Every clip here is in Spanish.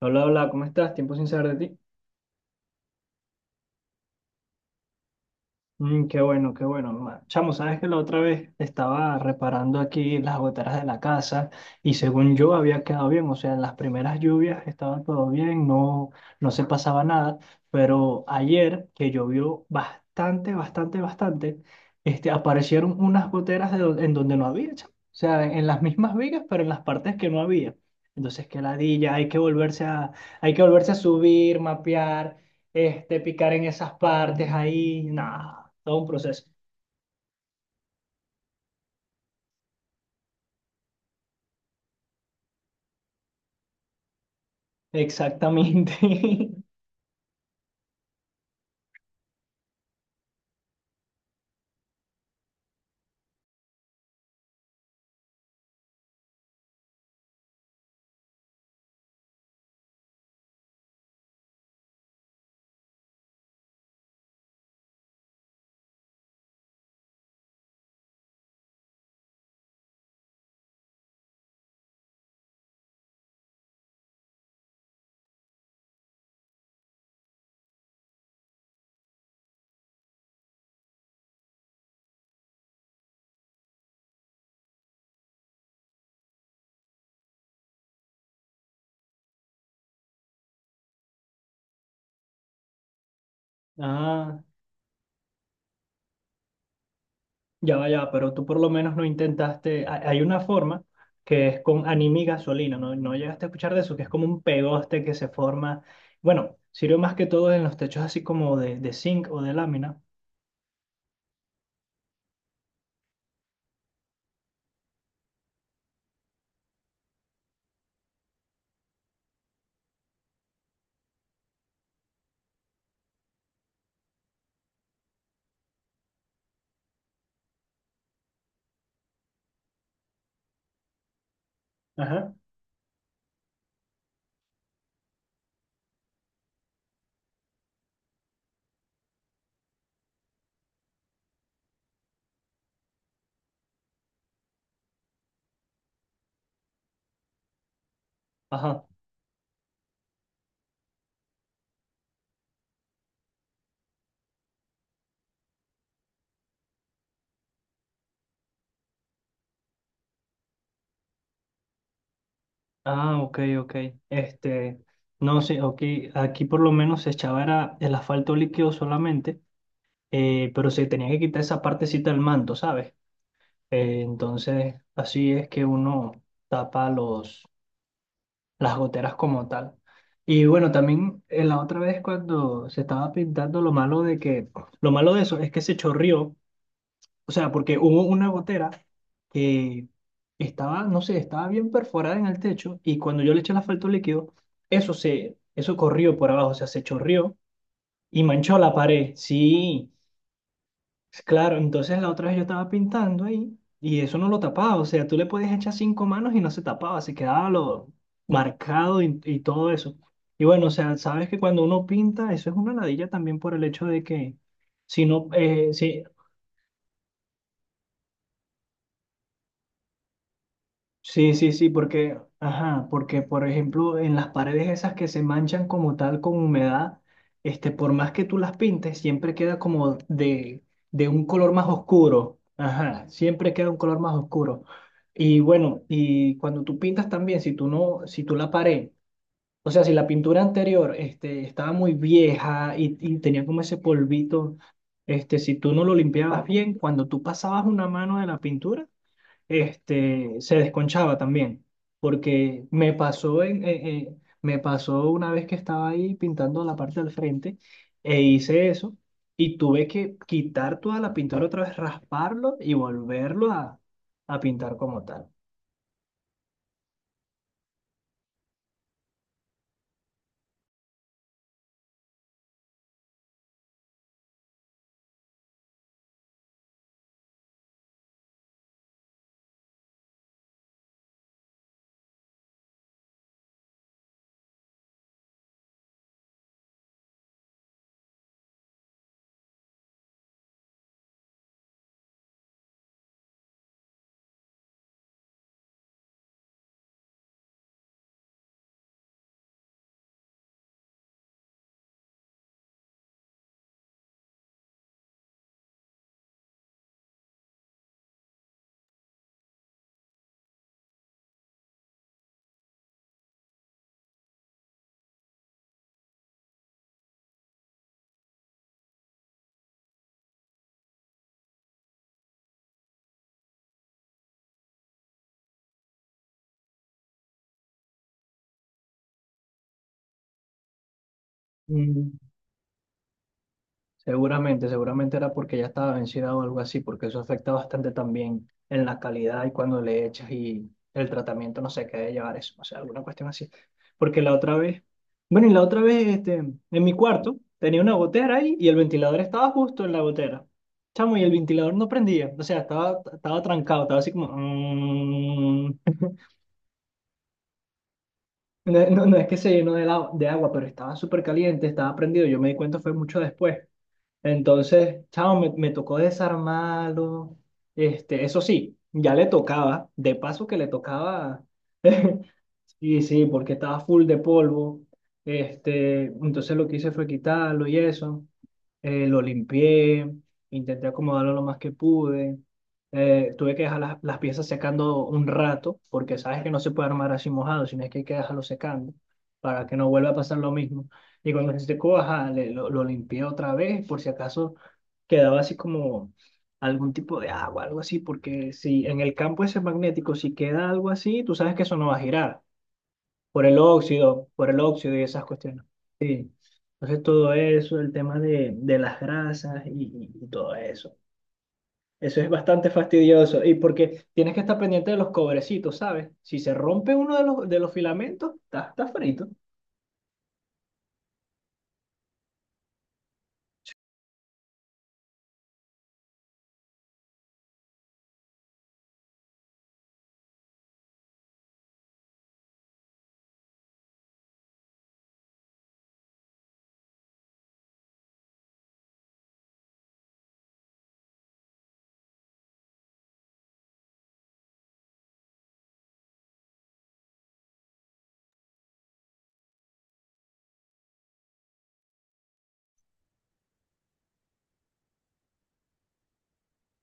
Hola, hola, ¿cómo estás? Tiempo sin saber de ti. Mm, qué bueno, qué bueno. Chamo, sabes que la otra vez estaba reparando aquí las goteras de la casa y según yo había quedado bien, o sea, en las primeras lluvias estaba todo bien, no, no se pasaba nada, pero ayer que llovió bastante, bastante, bastante, aparecieron unas goteras en donde no había, chamo. O sea, en las mismas vigas, pero en las partes que no había. Entonces, qué ladilla, hay que volverse a subir, mapear, picar en esas partes ahí, nada. Todo un proceso. Exactamente. Ah, ya va, pero tú por lo menos no intentaste. Hay una forma que es con anime y gasolina, ¿no? No llegaste a escuchar de eso, que es como un pegoste que se forma. Bueno, sirve más que todo en los techos así como de zinc o de lámina. Ajá. Ajá. Ah, ok, ok. Este, no sé, ok. Aquí por lo menos se echaba era el asfalto líquido solamente, pero se tenía que quitar esa partecita del manto, ¿sabes? Entonces, así es que uno tapa los, las goteras como tal. Y bueno, también la otra vez cuando se estaba pintando, lo malo de eso es que se chorrió, o sea, porque hubo una gotera que no sé, estaba bien perforada en el techo y cuando yo le eché el asfalto líquido, eso corrió por abajo, o sea, se chorrió y manchó la pared. Sí. Claro, entonces la otra vez yo estaba pintando ahí y eso no lo tapaba, o sea, tú le podías echar cinco manos y no se tapaba, se quedaba lo marcado y todo eso. Y bueno, o sea, sabes que cuando uno pinta, eso es una ladilla también por el hecho de que si no, si Sí, sí, sí, porque, ajá, porque por ejemplo en las paredes esas que se manchan como tal con humedad, por más que tú las pintes, siempre queda de un color más oscuro, ajá, siempre queda un color más oscuro. Y bueno, y cuando tú pintas también, si tú la pared, o sea, si la pintura anterior, estaba muy vieja y tenía como ese polvito, si tú no lo limpiabas bien, cuando tú pasabas una mano de la pintura se desconchaba también, porque me pasó, me pasó una vez que estaba ahí pintando la parte del frente e hice eso y tuve que quitar toda la pintura otra vez, rasparlo a pintar como tal. Mm. Seguramente, seguramente era porque ya estaba vencida o algo así, porque eso afecta bastante también en la calidad y cuando le echas y el tratamiento, no sé qué debe llevar eso, o sea, alguna cuestión así. Porque la otra vez, bueno, y la otra vez, en mi cuarto tenía una gotera ahí y el ventilador estaba justo en la gotera. Chamo, y el ventilador no prendía, o sea, estaba trancado, estaba así como... mm. No, no, no es que se llenó de agua, pero estaba súper caliente, estaba prendido, yo me di cuenta fue mucho después. Entonces, chao, me tocó desarmarlo. Eso sí, ya le tocaba, de paso que le tocaba, sí sí, porque estaba full de polvo. Este, entonces lo que hice fue quitarlo y eso lo limpié, intenté acomodarlo lo más que pude. Tuve que dejar las piezas secando un rato, porque sabes que no se puede armar así mojado, sino es que hay que dejarlo secando para que no vuelva a pasar lo mismo. Y cuando se secó, ajá, lo limpié otra vez, por si acaso quedaba así como algún tipo de agua, algo así, porque si en el campo ese magnético, si queda algo así, tú sabes que eso no va a girar por el óxido y esas cuestiones. Entonces todo eso, el tema de las grasas y todo eso. Eso es bastante fastidioso y porque tienes que estar pendiente de los cobrecitos, ¿sabes? Si se rompe uno de los filamentos, está frito.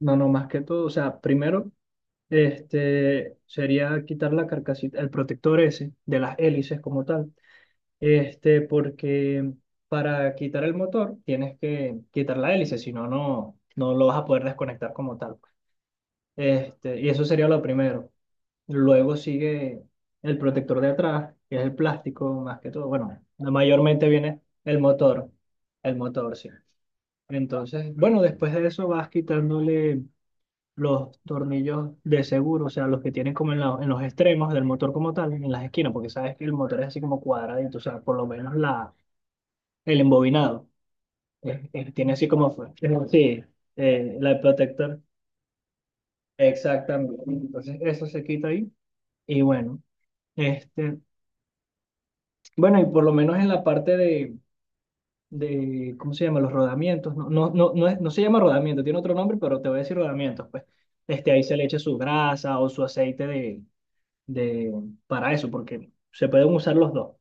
No, no, más que todo, o sea, primero sería quitar la carcasita, el protector ese de las hélices como tal, porque para quitar el motor tienes que quitar la hélice, si no, no lo vas a poder desconectar como tal. Este, y eso sería lo primero. Luego sigue el protector de atrás, que es el plástico más que todo. Bueno, mayormente viene el motor, sí. Entonces, bueno, después de eso vas quitándole los tornillos de seguro, o sea, los que tienen como en los extremos del motor como tal, en las esquinas, porque sabes que el motor es así como cuadradito, o sea, por lo menos el embobinado, es tiene así como fue. Sí, la protector, exactamente. Entonces, eso se quita ahí y bueno. Este, bueno, y por lo menos en la parte de ¿cómo se llama? Los rodamientos. No, no, no, no, no se llama rodamiento, tiene otro nombre, pero te voy a decir rodamientos. Pues ahí se le echa su grasa o su aceite de, para eso, porque se pueden usar los dos.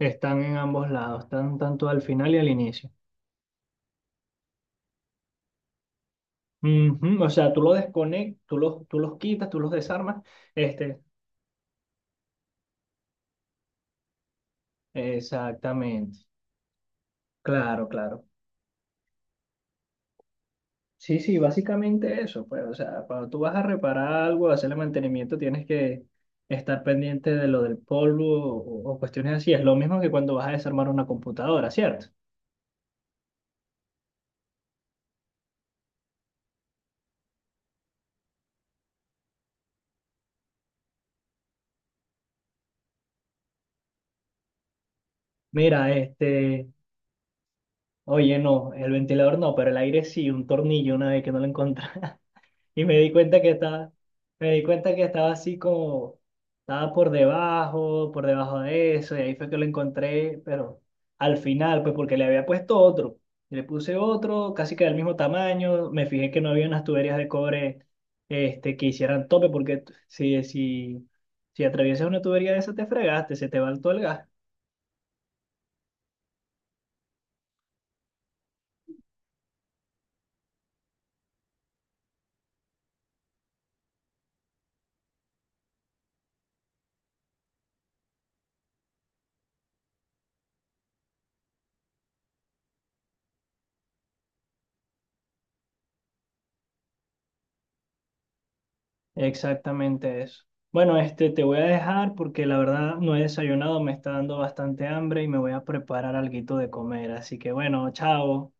Están en ambos lados, están tanto al final y al inicio. Ujú. O sea, tú lo desconectas, tú los quitas, tú los desarmas. Este, exactamente. Claro, claro. Sí, sí, básicamente eso, pues, o sea, cuando tú vas a reparar algo, hacerle mantenimiento, tienes que estar pendiente de lo del polvo o cuestiones así. Es lo mismo que cuando vas a desarmar una computadora, ¿cierto? Mira, este, oye, no, el ventilador no, pero el aire sí, un tornillo una vez que no lo encontré. Y me di cuenta que estaba así como, estaba por debajo de eso, y ahí fue que lo encontré, pero al final, pues porque le había puesto otro, y le puse otro, casi que del mismo tamaño, me fijé que no había unas tuberías de cobre que hicieran tope, porque si, si atraviesas una tubería de esa te fregaste, se te va todo el gas. Exactamente eso. Bueno, este te voy a dejar porque la verdad no he desayunado, me está dando bastante hambre y me voy a preparar alguito de comer. Así que bueno, chao.